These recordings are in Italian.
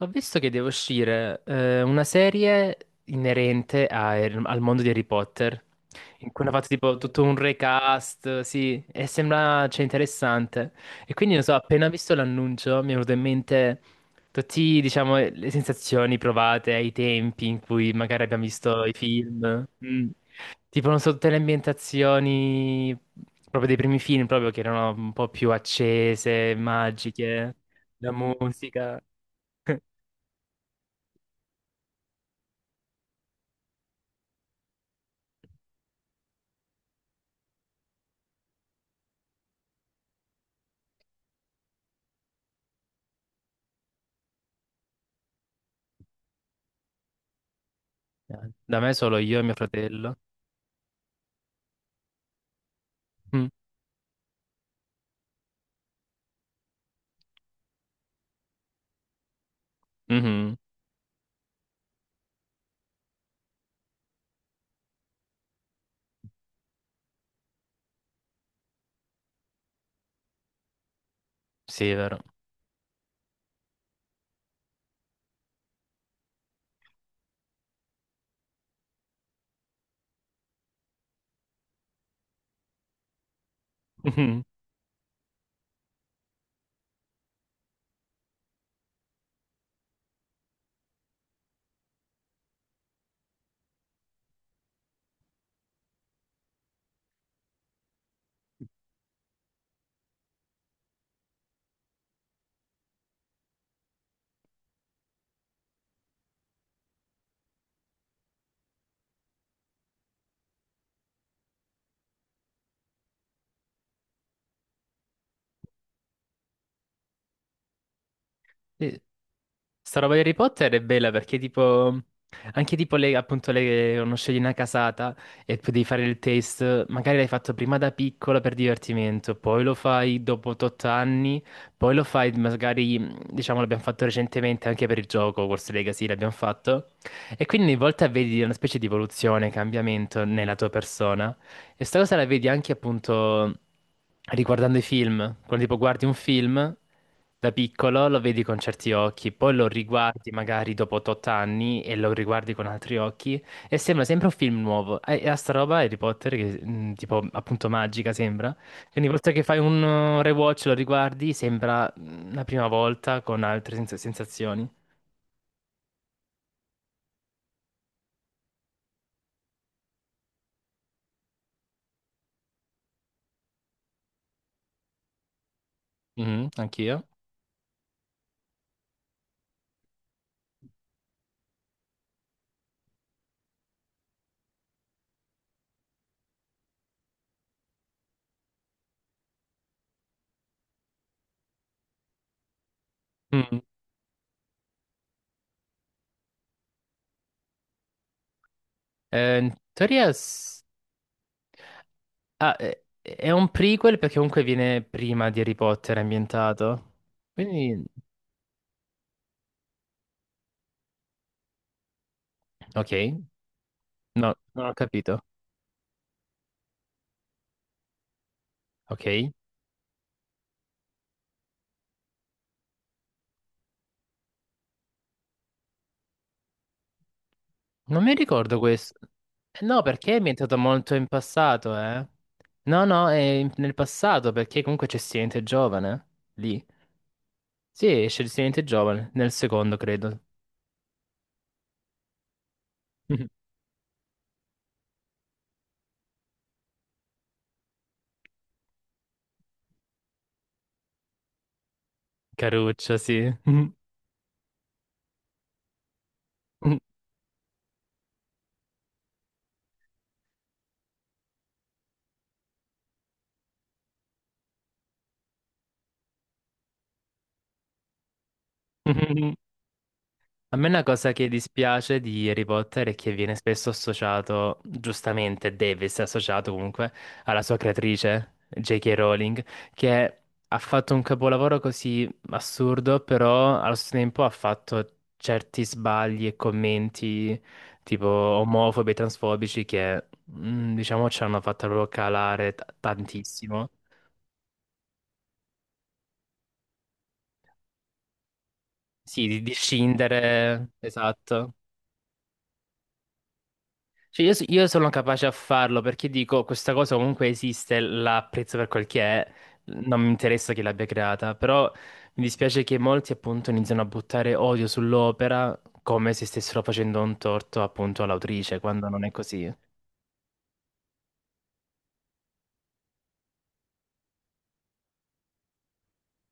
Ho visto che deve uscire una serie inerente al mondo di Harry Potter, in cui hanno fatto tipo tutto un recast, sì, e sembra, cioè, interessante. E quindi, non so, appena visto l'annuncio mi è venuto in mente tutte, diciamo, le sensazioni provate ai tempi in cui magari abbiamo visto i film. Mm. Tipo, non so, tutte le ambientazioni proprio dei primi film, proprio che erano un po' più accese, magiche, la musica. Da me solo io e mio fratello. Mm. Mhm. Sì, è vero. Mhm. Sì. Sta roba di Harry Potter è bella perché tipo. Anche tipo le, appunto le, uno scegli una casata e poi devi fare il test, magari l'hai fatto prima da piccolo per divertimento, poi lo fai dopo 8 anni, poi lo fai magari, diciamo, l'abbiamo fatto recentemente anche per il gioco, Hogwarts Legacy l'abbiamo fatto, e quindi ogni volta vedi una specie di evoluzione, cambiamento nella tua persona. E sta cosa la vedi anche appunto riguardando i film. Quando tipo guardi un film da piccolo lo vedi con certi occhi, poi lo riguardi magari dopo 8 anni e lo riguardi con altri occhi e sembra sempre un film nuovo. E a sta roba Harry Potter che tipo appunto magica sembra. Quindi ogni volta che fai un rewatch lo riguardi sembra la prima volta con altre sensazioni. Mhm, anch'io. Mm. Eh, in teoria s- Ah, è un prequel perché comunque viene prima di Harry Potter ambientato. Quindi, ok, no, non ho capito. Ok, non mi ricordo questo. No, perché è ambientato molto in passato, eh? No, no, è nel passato perché comunque c'è Silente Giovane lì. Sì, esce il Silente Giovane nel secondo, credo. Caruccia, sì. A me una cosa che dispiace di Harry Potter è che viene spesso associato, giustamente deve essere associato comunque, alla sua creatrice, J.K. Rowling, che ha fatto un capolavoro così assurdo, però allo stesso tempo ha fatto certi sbagli e commenti tipo omofobi e transfobici che, diciamo, ci hanno fatto proprio calare tantissimo. Sì, di scindere, esatto. Cioè, io sono capace a farlo perché dico questa cosa comunque esiste, la apprezzo per quel che è, non mi interessa chi l'abbia creata, però mi dispiace che molti appunto iniziano a buttare odio sull'opera come se stessero facendo un torto appunto all'autrice, quando non è così.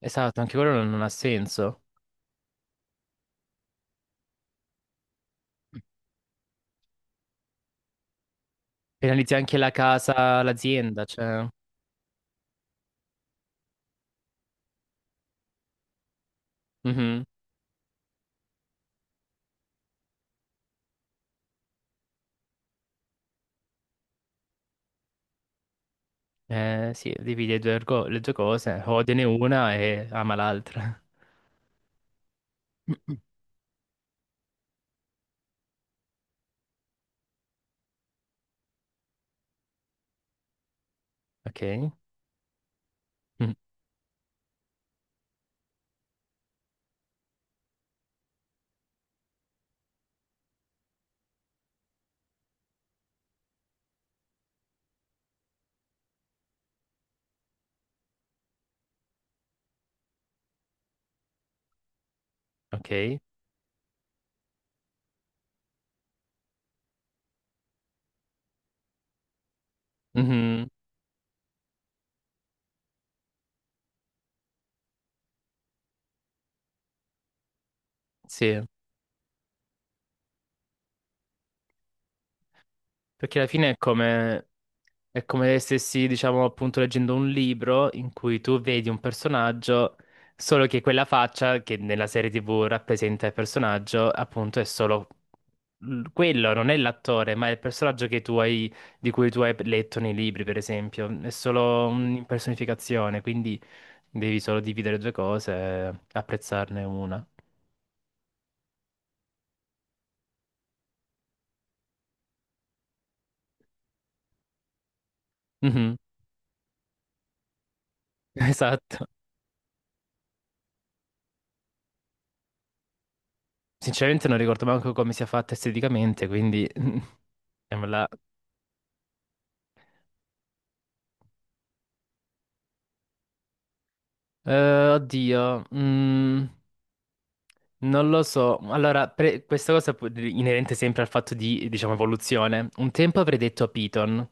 Esatto, anche quello non ha senso. Penalizzi anche la casa, l'azienda, cioè. Mhm. Sì, dividi le due, le due cose, odiane una e ama l'altra. Ok. Mm, ok. Mhm. Sì, perché alla fine è come se stessi, diciamo, appunto leggendo un libro in cui tu vedi un personaggio, solo che quella faccia che nella serie TV rappresenta il personaggio, appunto, è solo quello, non è l'attore, ma è il personaggio che tu hai, di cui tu hai letto nei libri, per esempio. È solo un'impersonificazione, quindi devi solo dividere due cose e apprezzarne una. Mhm. Esatto. Sinceramente non ricordo manco come sia fatta esteticamente, quindi. Sembra- oddio, non lo so, allora questa cosa inerente sempre al fatto di, diciamo, evoluzione. Un tempo avrei detto Python,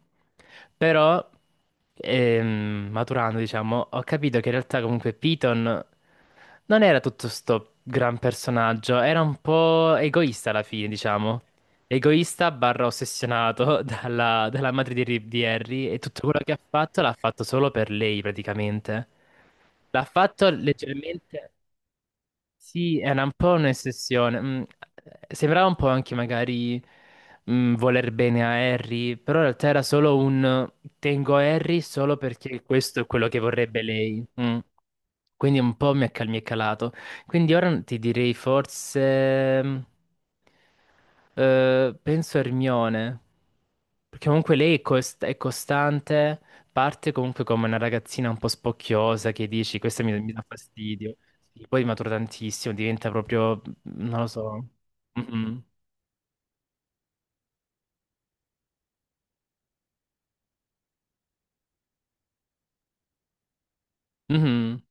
però maturando, diciamo, ho capito che in realtà comunque Python non era tutto sto gran personaggio, era un po' egoista alla fine, diciamo. Egoista barra ossessionato dalla madre di Harry e tutto quello che ha fatto l'ha fatto solo per lei praticamente. L'ha fatto leggermente. Sì, era un po' un'ossessione. Sembrava un po' anche magari voler bene a Harry, però in realtà era solo un tengo Harry solo perché questo è quello che vorrebbe lei. Mm. Quindi un po' mi è calato. Quindi ora ti direi forse, penso Hermione. Perché comunque lei è costante, parte comunque come una ragazzina un po' spocchiosa che dici, questa mi dà fastidio. Sì, poi matura tantissimo, diventa proprio, non lo so. Mhm. Mhm.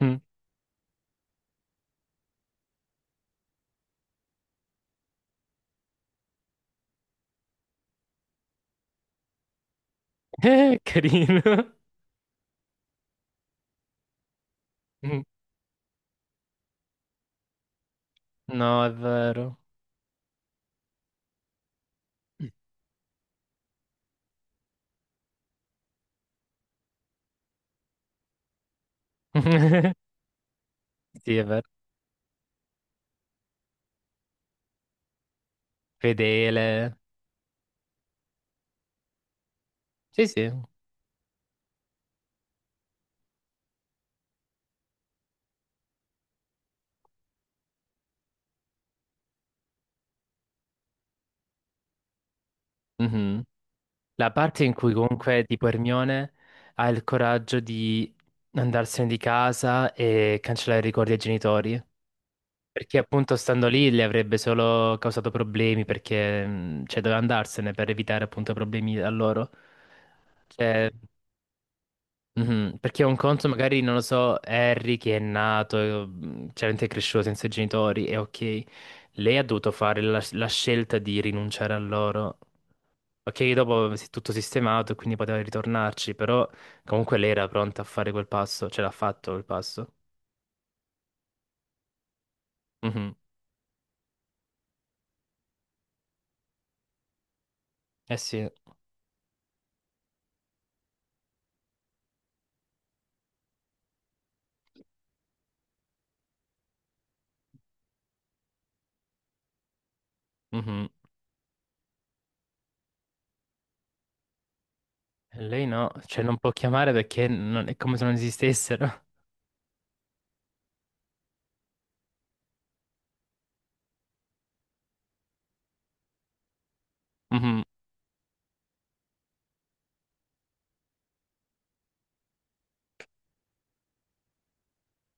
Mm. Carino. Mm. No, è vero. Sì, è vero. Fedele. Sì, sì. Mhm. La parte in cui comunque tipo Hermione ha il coraggio di andarsene di casa e cancellare i ricordi ai genitori. Perché appunto stando lì le avrebbe solo causato problemi perché cioè, doveva andarsene per evitare appunto problemi a loro. Cioè, mhm, perché un conto magari, non lo so, Harry che è nato, chiaramente è cresciuto senza i genitori, e ok, lei ha dovuto fare la scelta di rinunciare a loro. Ok, dopo si è tutto sistemato e quindi poteva ritornarci, però comunque lei era pronta a fare quel passo, ce l'ha fatto quel passo. Mhm, eh sì. Mhm. Lei no, cioè non può chiamare perché è come se non esistessero. Mhm.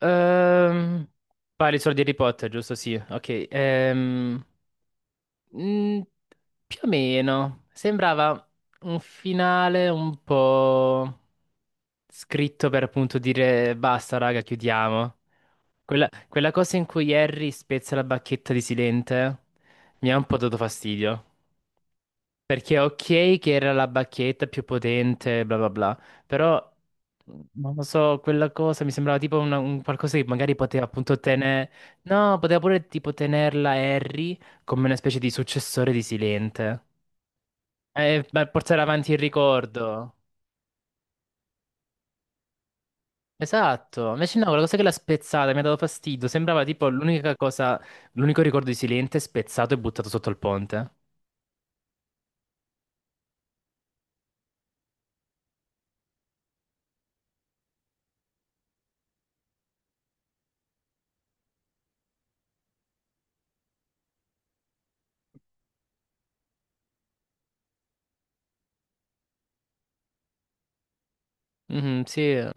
Ehm, parli solo di Harry Potter, giusto? Sì, ok. Mm, più o meno, sembrava un finale un po' scritto per appunto dire basta, raga, chiudiamo. Quella cosa in cui Harry spezza la bacchetta di Silente mi ha un po' dato fastidio. Perché ok che era la bacchetta più potente, bla bla bla, però non lo so, quella cosa mi sembrava tipo un qualcosa che magari poteva appunto tenere, no, poteva pure tipo tenerla Harry come una specie di successore di Silente. E per portare avanti il ricordo. Esatto, invece no, quella cosa che l'ha spezzata mi ha dato fastidio, sembrava tipo l'unica cosa, l'unico ricordo di Silente spezzato e buttato sotto il ponte. Mhm, sì.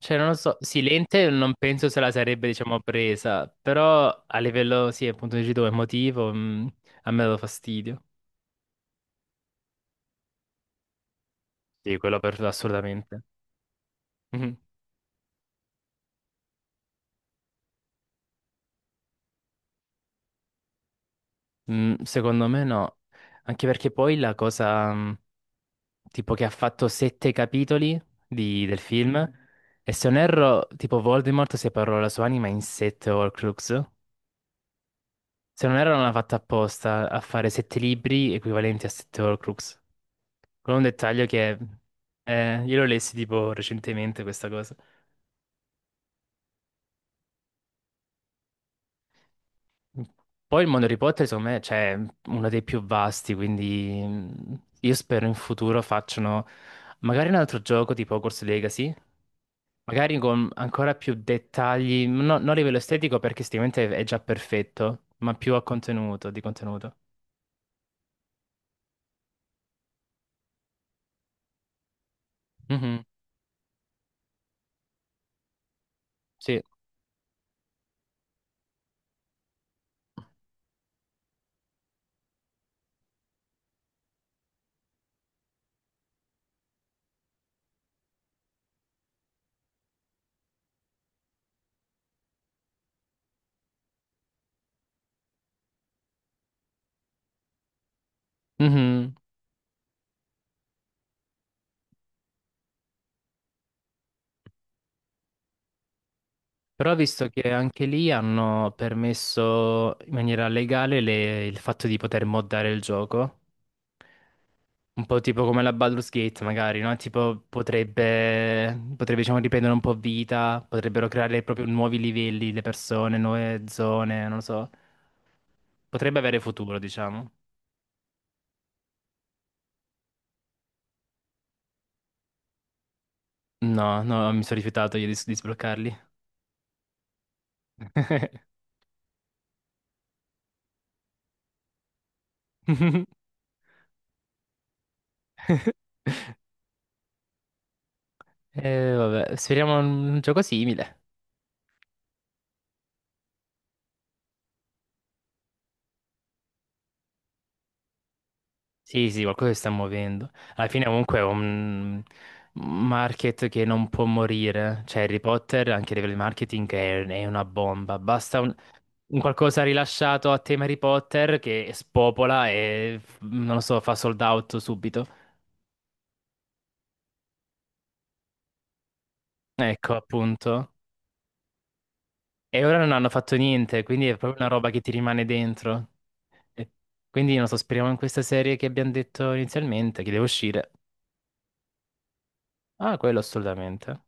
Cioè, non lo so, Silente non penso se la sarebbe, diciamo, presa, però a livello, sì, appunto, dici tu, emotivo, a me ha dato fastidio. Sì, quello per assolutamente. Mhm. Mm, secondo me no, anche perché poi la cosa, tipo, che ha fatto sette capitoli del film, e se non erro, tipo, Voldemort separò la sua anima in sette Horcrux. Se non erro, non l'ha fatta apposta a fare sette libri equivalenti a sette Horcrux. Con un dettaglio che io lo lessi tipo recentemente questa cosa. Poi il mondo Harry Potter, secondo me, cioè, è uno dei più vasti, quindi io spero in futuro facciano magari un altro gioco tipo Hogwarts Legacy, magari con ancora più dettagli, non a livello estetico perché sicuramente è già perfetto, ma più a contenuto, di contenuto. Mhm, sì. Mhm. Però ho visto che anche lì hanno permesso in maniera legale il fatto di poter moddare il gioco. Un po' tipo come la Baldur's Gate, magari, no? Tipo, potrebbe, diciamo, riprendere un po' vita, potrebbero creare proprio nuovi livelli, le persone, nuove zone, non lo so. Potrebbe avere futuro, diciamo. No, no, mi sono rifiutato io di sbloccarli. Vabbè, speriamo un gioco simile. Sì, sì, qualcosa si sta muovendo. Alla fine comunque è un market che non può morire. Cioè, Harry Potter, anche a livello di marketing, è una bomba. Basta un qualcosa rilasciato a tema Harry Potter che spopola e, non lo so, fa sold out subito. Ecco, appunto. E ora non hanno fatto niente, quindi è proprio una roba che ti rimane dentro. E quindi, non so, speriamo in questa serie che abbiamo detto inizialmente, che deve uscire. Ah, quello assolutamente.